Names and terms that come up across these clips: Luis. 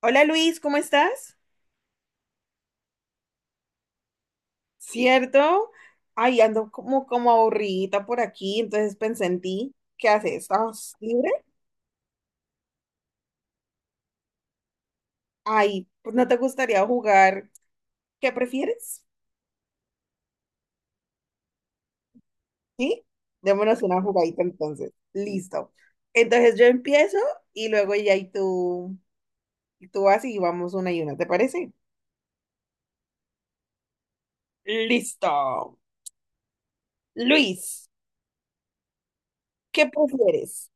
Hola Luis, ¿cómo estás? ¿Cierto? Ay, ando como aburridita por aquí, entonces pensé en ti. ¿Qué haces? ¿Estás libre? Ay, pues no te gustaría jugar. ¿Qué prefieres? ¿Sí? Démonos una jugadita entonces. Listo. Entonces yo empiezo y luego ya y tú vas y vamos una y una, ¿te parece? Listo. Luis, ¿qué prefieres?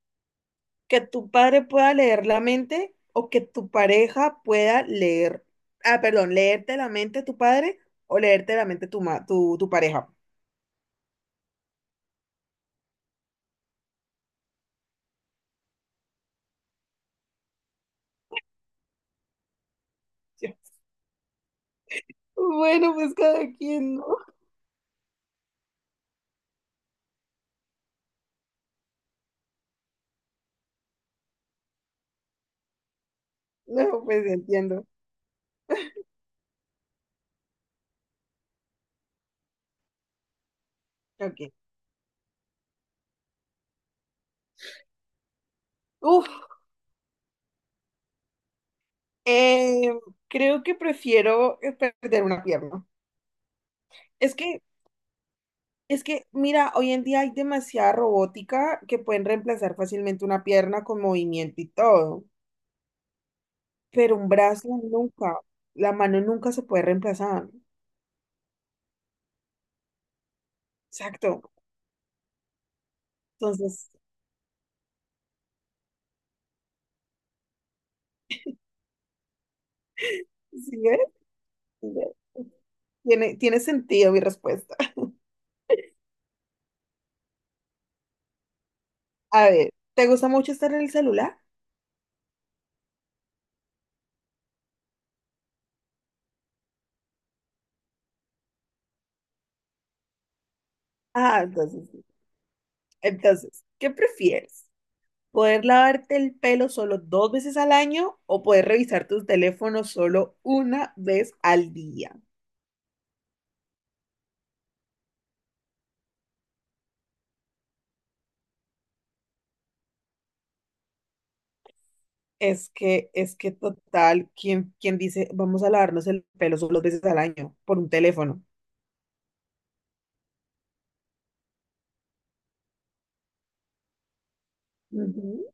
Que tu padre pueda leer la mente o que tu pareja pueda leer, perdón, leerte la mente tu padre o leerte la mente tu, tu pareja. Yo, bueno, pues cada quien, ¿no? No, pues entiendo. Ok. Uf, eh, creo que prefiero perder una pierna. Es que, es que, mira, hoy en día hay demasiada robótica que pueden reemplazar fácilmente una pierna con movimiento y todo, pero un brazo nunca, la mano nunca se puede reemplazar. Exacto. Entonces, ¿sí ves? ¿Sí ves? Tiene sentido mi respuesta. A ver, ¿te gusta mucho estar en el celular? Ah, entonces, sí. ¿Qué prefieres? ¿Poder lavarte el pelo solo dos veces al año o poder revisar tus teléfonos solo una vez al día? Es que total, ¿quién, quién dice vamos a lavarnos el pelo solo dos veces al año por un teléfono? Ujú.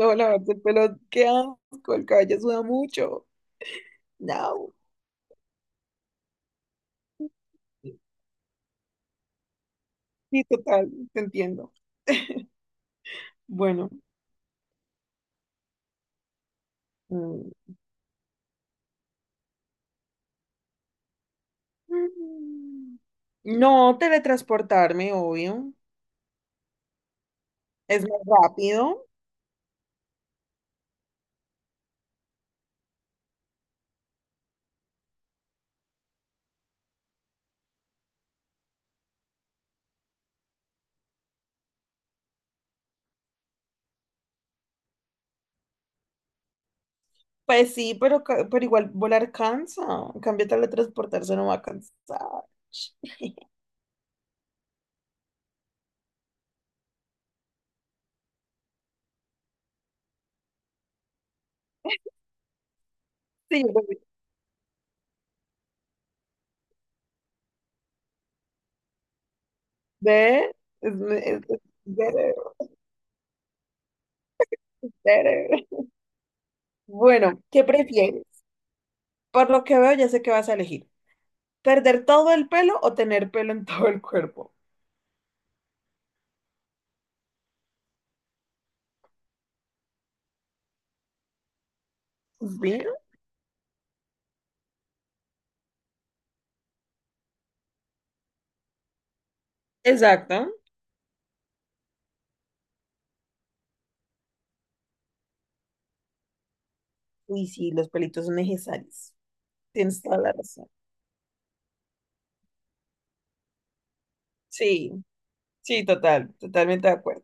No, lavarse el pelo, qué asco, el cabello suda mucho. No. Sí, total, te entiendo. Bueno, mm, mm, no teletransportarme, obvio. Es más rápido. Pues sí, pero, pero igual volar cansa. En cambio, teletransportarse no va a cansar. Sí, yo creo ve, es better, better. Bueno, ¿qué prefieres? Por lo que veo, ya sé qué vas a elegir. ¿Perder todo el pelo o tener pelo en todo el cuerpo? Sí, exacto. Uy, sí, los pelitos son necesarios. Tienes toda la razón. Sí, sí, total, totalmente de acuerdo.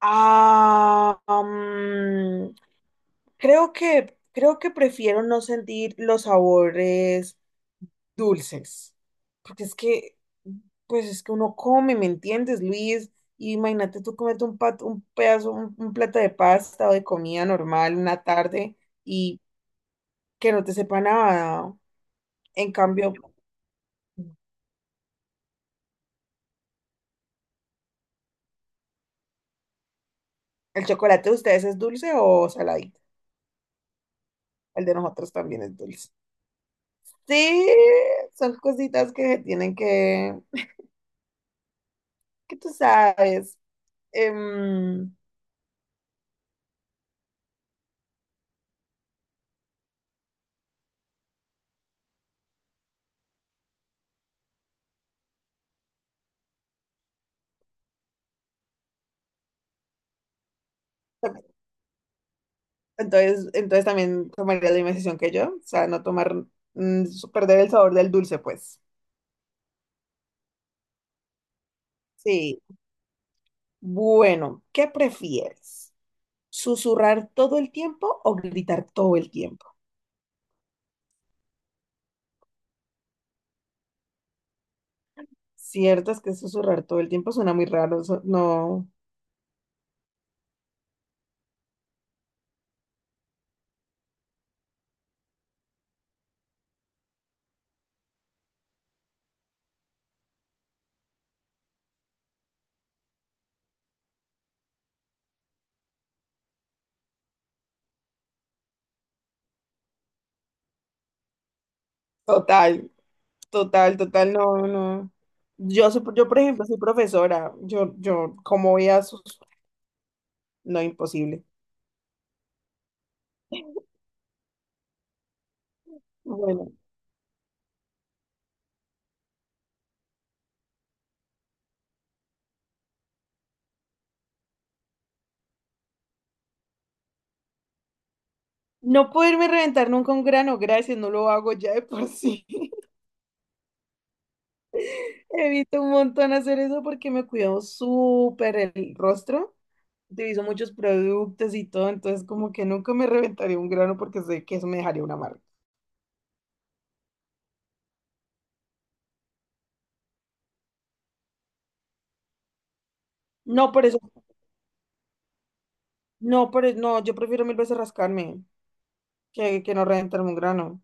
Ah, creo que prefiero no sentir los sabores dulces, porque es que, pues es que uno come, ¿me entiendes, Luis? Y imagínate tú comerte un pedazo, un plato de pasta o de comida normal una tarde y que no te sepa nada. En cambio, ¿el chocolate de ustedes es dulce o saladito? El de nosotros también es dulce. Sí, son cositas que se tienen que tú sabes. Em, entonces, también tomaría la misma decisión que yo, o sea, no tomar, mm, perder el sabor del dulce, pues. Sí. Bueno, ¿qué prefieres? ¿Susurrar todo el tiempo o gritar todo el tiempo? Cierto es que susurrar todo el tiempo suena muy raro, eso- no. Total, total, total, no, no. Yo, por ejemplo, soy profesora, yo, ¿cómo voy a sus... No, imposible. Bueno, no poderme reventar nunca un grano, gracias, no lo hago ya de por sí. Evito un montón hacer eso porque me cuido súper el rostro. Utilizo muchos productos y todo, entonces como que nunca me reventaría un grano porque sé que eso me dejaría una marca. No por eso, no por eso, no, yo prefiero mil veces rascarme que no reventarme un grano.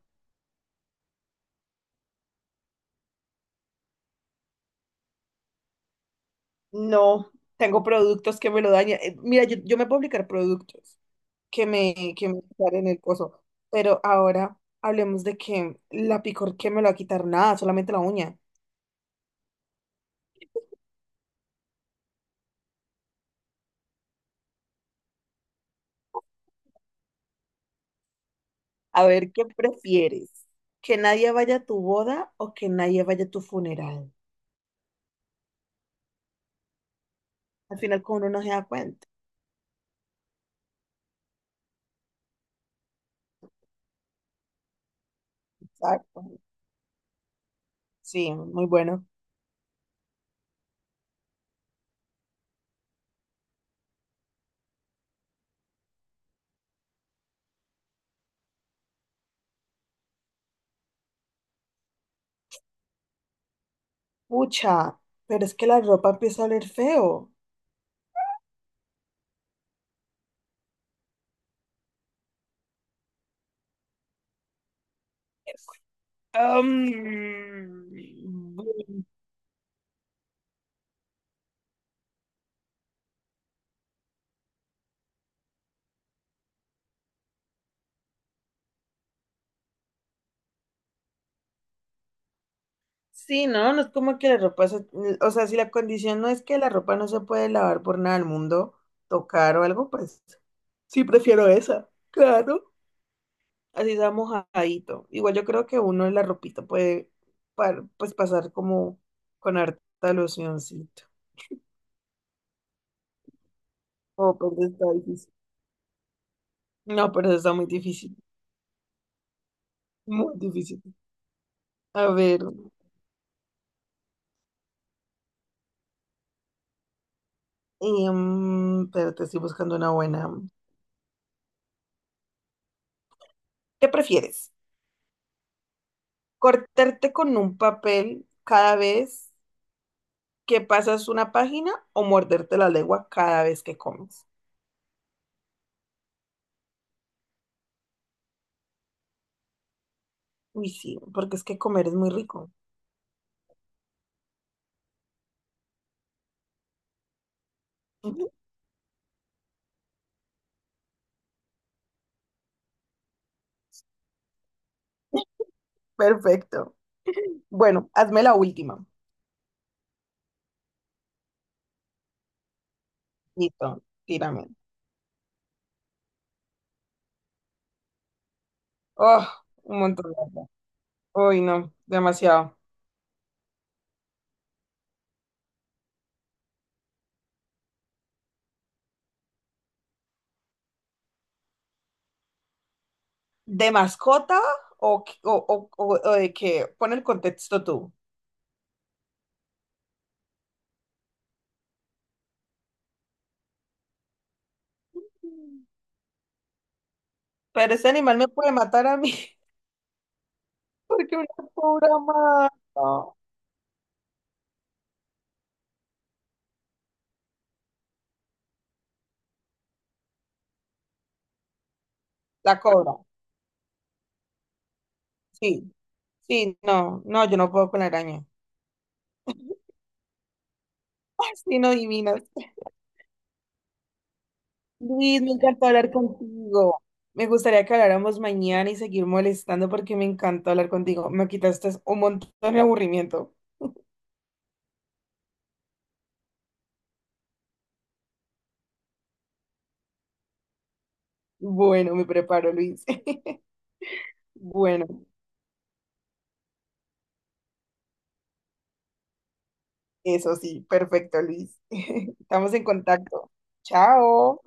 No, tengo productos que me lo dañan. Mira, yo me puedo aplicar productos que me quitara en el coso. Pero ahora hablemos de que la picor que me lo va a quitar nada, solamente la uña. A ver, ¿qué prefieres? ¿Que nadie vaya a tu boda o que nadie vaya a tu funeral? Al final, como uno no se da cuenta. Exacto. Sí, muy bueno. Pucha, pero es que la ropa empieza a oler feo. Am, Sí, ¿no? No es como que la ropa, se- o sea, si la condición no es que la ropa no se puede lavar por nada del mundo, tocar o algo, pues sí prefiero esa, claro. Así sea mojadito. Igual yo creo que uno la ropita puede pues pasar como con harta locioncito. Oh, pero eso está difícil. No, pero eso está muy difícil, muy difícil. A ver, pero te estoy buscando una buena. ¿Qué prefieres? ¿Cortarte con un papel cada vez que pasas una página o morderte la lengua cada vez que comes? Uy, sí, porque es que comer es muy rico. Ujú. Perfecto. Bueno, hazme la última. Listo, tírame. Oh, un montón de cosas. Uy, no, demasiado. ¿De mascota o, o, o de qué? Pon el contexto tú. Pero ese animal me puede matar a mí, porque una cobra mata. No, la cobra, sí. Sí, no, no, yo no puedo con la araña. Ay, sí, no adivinas. Luis, me encantó hablar contigo. Me gustaría que habláramos mañana y seguir molestando porque me encantó hablar contigo. Me quitaste un montón de aburrimiento. Bueno, me preparo, Luis. Bueno, eso sí, perfecto, Luis. Estamos en contacto. Chao.